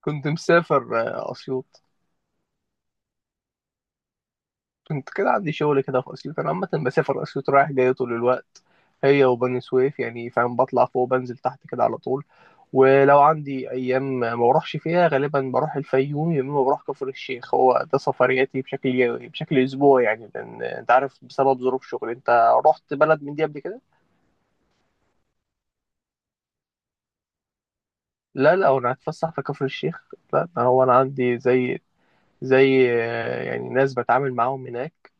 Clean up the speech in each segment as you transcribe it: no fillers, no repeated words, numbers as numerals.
كنت مسافر اسيوط. كنت كده عندي شغل كده في اسيوط، انا عامه بسافر اسيوط رايح جاي طول الوقت، هي وبني سويف يعني، فاهم؟ بطلع فوق بنزل تحت كده على طول. ولو عندي ايام ما بروحش فيها غالبا بروح الفيوم يا اما بروح كفر الشيخ. هو ده سفرياتي بشكل يومي بشكل اسبوعي يعني، لان انت عارف بسبب ظروف شغلي. انت رحت بلد من دي قبل كده؟ لا لا، انا هتفسح في كفر الشيخ. لا، ده هو انا عندي زي يعني ناس بتعامل معاهم هناك،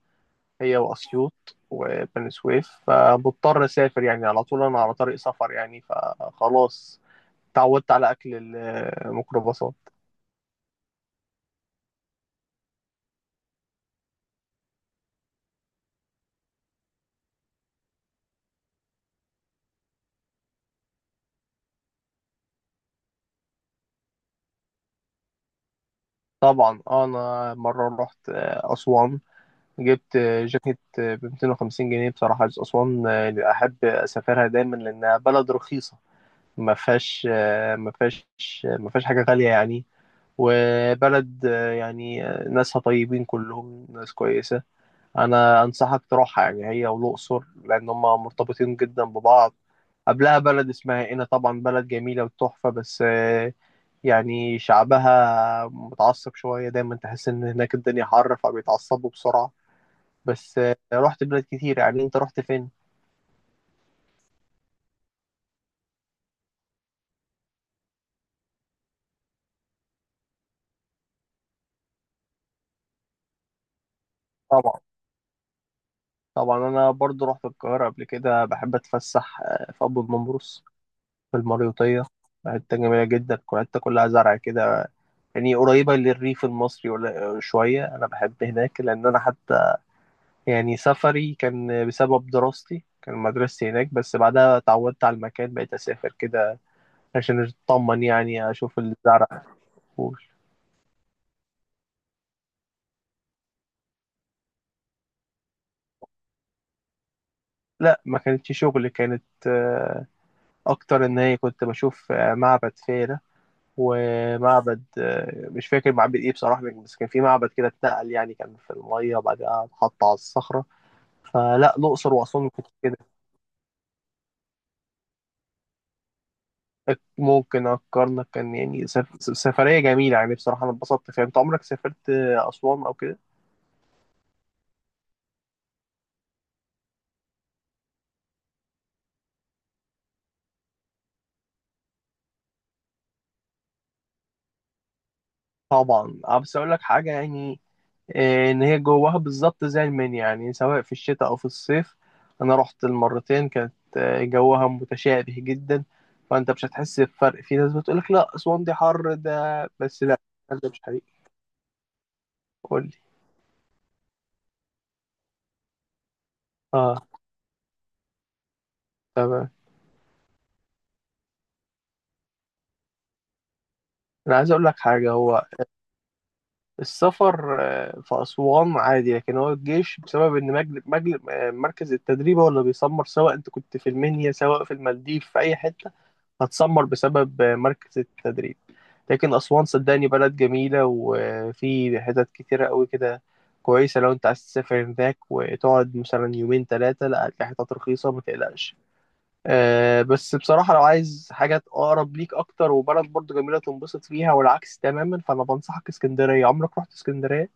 هي وأسيوط وبني سويف، فمضطر أسافر يعني على طول. أنا على طريق سفر يعني، فخلاص اتعودت على أكل الميكروباصات. طبعا أنا مرة رحت أسوان، جبت جاكيت ب 250 جنيه بصراحة. أسوان أحب أسافرها دايما لأنها بلد رخيصة، ما فيهاش ما فيهاش ما فيهاش حاجة غالية يعني. وبلد يعني ناسها طيبين، كلهم ناس كويسة. انا انصحك تروحها يعني، هي والاقصر، لان هما مرتبطين جدا ببعض. قبلها بلد اسمها قنا، طبعا بلد جميله وتحفه، بس يعني شعبها متعصب شويه، دايما تحس ان هناك الدنيا حر فبيتعصبوا بسرعه. بس رحت بلاد كتير يعني. انت رحت فين؟ طبعا طبعا انا برضو رحت القاهره قبل كده. بحب اتفسح في ابو النمرس، في المريوطيه. حته جميله جدا، الحته كلها زرع كده، يعني قريبة للريف المصري ولا شوية. أنا بحب هناك لأن أنا حتى يعني سفري كان بسبب دراستي، كان مدرستي هناك، بس بعدها اتعودت على المكان، بقيت أسافر كده عشان أطمن يعني أشوف الزرع. لا ما كانتش شغل، كانت أكتر إن هي كنت بشوف معبد فيلة، ومعبد مش فاكر معبد إيه بصراحة، بس كان في معبد كده اتنقل يعني، كان في المية وبعدها اتحط على الصخرة. فلا، الأقصر وأسوان كنت كده. ممكن أفكرنا كان يعني سفرية جميلة يعني، بصراحة أنا اتبسطت فيها. أنت عمرك سافرت أسوان أو كده؟ طبعا أه، بس أقول لك حاجة يعني، إن هي جواها بالظبط زي المنيا يعني، سواء في الشتاء أو في الصيف. أنا رحت المرتين كانت جوها متشابه جدا، فأنت مش هتحس بفرق. في ناس بتقول لك لا أسوان دي حر، ده بس لا، ده مش حقيقي. قول لي. أه، تمام. أنا عايز أقول لك حاجة. هو السفر في أسوان عادي، لكن هو الجيش بسبب إن مجل... مجل... آه، مركز التدريب هو اللي بيسمر، سواء أنت كنت في المنيا سواء في المالديف في أي حتة هتسمر بسبب مركز التدريب. لكن أسوان صدقني بلد جميلة، وفي حتت كتيرة قوي كده كويسة، لو أنت عايز تسافر هناك وتقعد مثلا يومين تلاتة. لا، هتلاقي حتت رخيصة ما تقلقش. آه، بس بصراحة لو عايز حاجة أقرب ليك أكتر، وبلد برضو جميلة تنبسط فيها والعكس تماما، فأنا بنصحك اسكندرية. عمرك رحت اسكندرية؟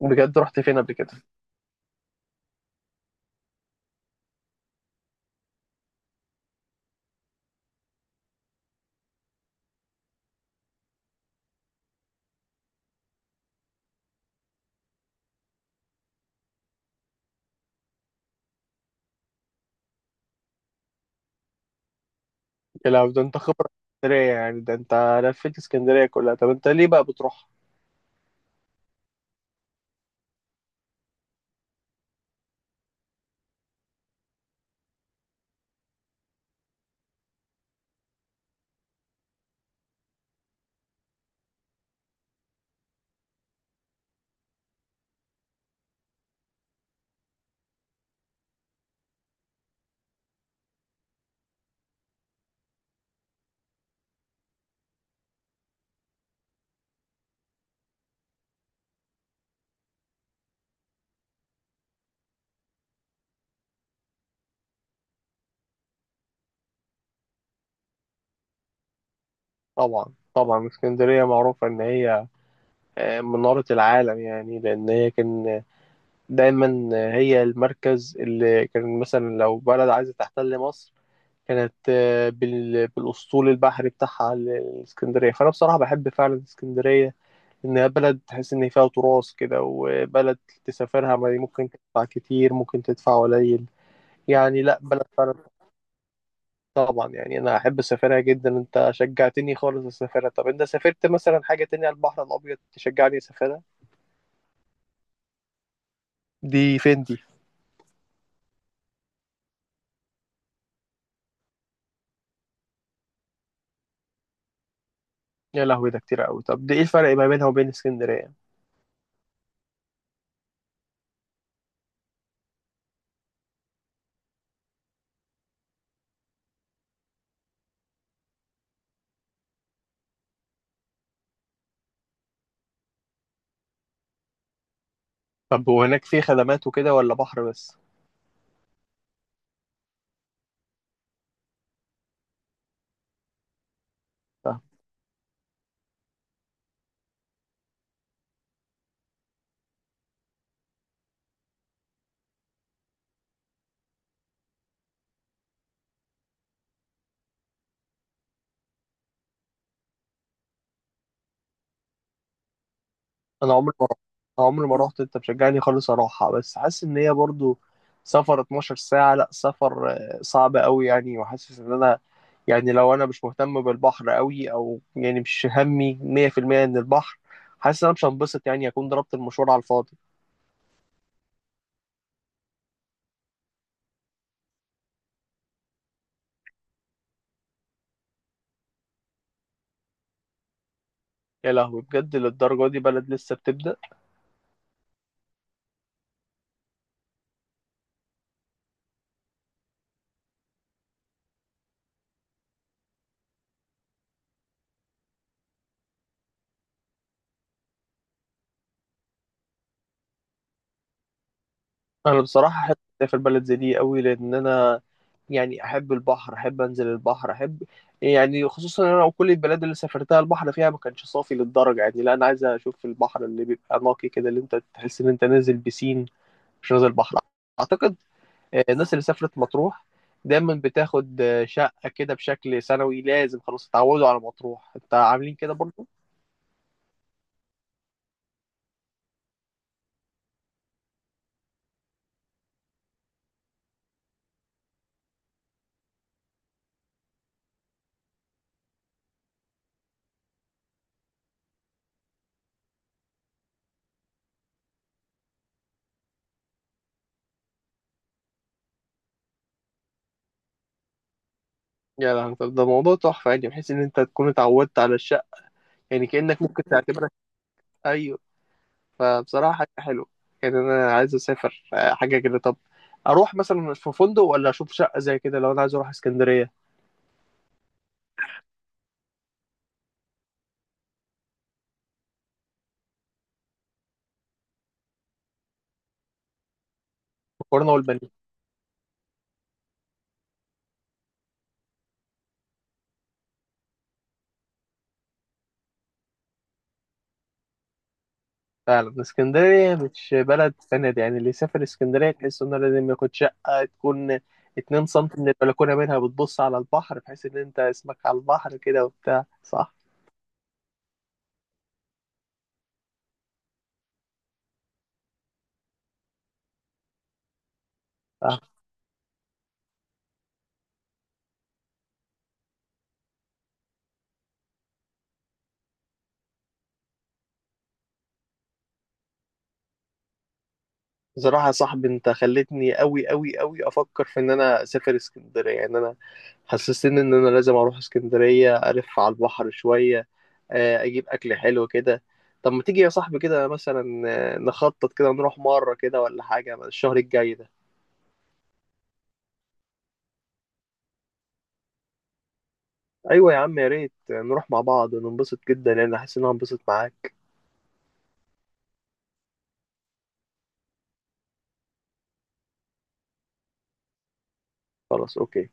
بجد رحت فين قبل كده؟ يا، لو ده أنت خبرة في اسكندرية يعني، ده أنت لفيت اسكندرية كلها. طب أنت ليه بقى بتروح؟ طبعا طبعا، اسكندرية معروفة إن هي منارة العالم يعني، لأن هي كان دايما هي المركز اللي كان، مثلا لو بلد عايزة تحتل مصر كانت بالاسطول البحري بتاعها الاسكندريه. فانا بصراحه بحب فعلا اسكندريه، انها بلد تحس ان فيها تراث كده، وبلد تسافرها ممكن تدفع كتير ممكن تدفع قليل يعني، لا بلد فعلا. طبعا، يعني انا احب اسافرها جدا. انت شجعتني خالص اسافرها. طب انت سافرت مثلا حاجه تانية على البحر الابيض تشجعني اسافرها؟ دي فين دي؟ يا لهوي، ده كتير قوي. طب دي ايه الفرق ما بينها وبين اسكندريه؟ طب وهناك في خدمات وكده ولا بحر بس؟ انا عمري ما رحت. أنا عمري ما رحت، انت مشجعني خالص اروحها، بس حاسس ان هي برضو سفر 12 ساعة، لا سفر صعب قوي يعني. وحاسس ان انا يعني، لو انا مش مهتم بالبحر قوي، او يعني مش همي 100% ان البحر، حاسس ان انا مش هنبسط يعني، اكون ضربت المشوار على الفاضي. يا لهوي، بجد للدرجة دي بلد لسه بتبدأ؟ انا بصراحه احب اسافر بلد زي دي قوي، لان انا يعني احب البحر، احب انزل البحر، احب يعني خصوصا إن انا وكل البلاد اللي سافرتها البحر فيها ما كانش صافي للدرجه يعني. لا انا عايز اشوف البحر اللي بيبقى نقي كده، اللي انت تحس ان انت نازل بسين مش نازل بحر. اعتقد الناس اللي سافرت مطروح دايما بتاخد شقه كده بشكل سنوي، لازم خلاص اتعودوا على مطروح. انت عاملين كده برضه؟ يا لهوي، طب ده موضوع تحفه يعني، بحيث ان انت تكون اتعودت على الشقه يعني كانك ممكن تعتبرها. ايوه، فبصراحة حاجة حلوة يعني. أنا عايز أسافر حاجة كده. طب أروح مثلا في فندق ولا أشوف شقة زي كده، لو أنا عايز أروح اسكندرية؟ مقارنة والبنين. فعلا اسكندرية مش بلد فند يعني، اللي يسافر اسكندرية تحس إنه لازم ياخد شقة تكون اتنين سنتي من البلكونة منها بتبص على البحر، بحيث إن أنت اسمك على البحر كده وبتاع، صح؟ آه. بصراحة يا صاحبي أنت خلتني أوي أوي أوي أفكر في إن أنا أسافر اسكندرية. يعني أنا حسستني ان انا لازم اروح اسكندرية الف على البحر شوية، اجيب اكل حلو كده. طب ما تيجي يا صاحبي كده مثلا، نخطط كده نروح مرة كده ولا حاجة الشهر الجاي ده؟ ايوه يا عم، يا ريت نروح مع بعض وننبسط جدا، لان حاسس ان انا هنبسط معاك. خلاص، اوكي.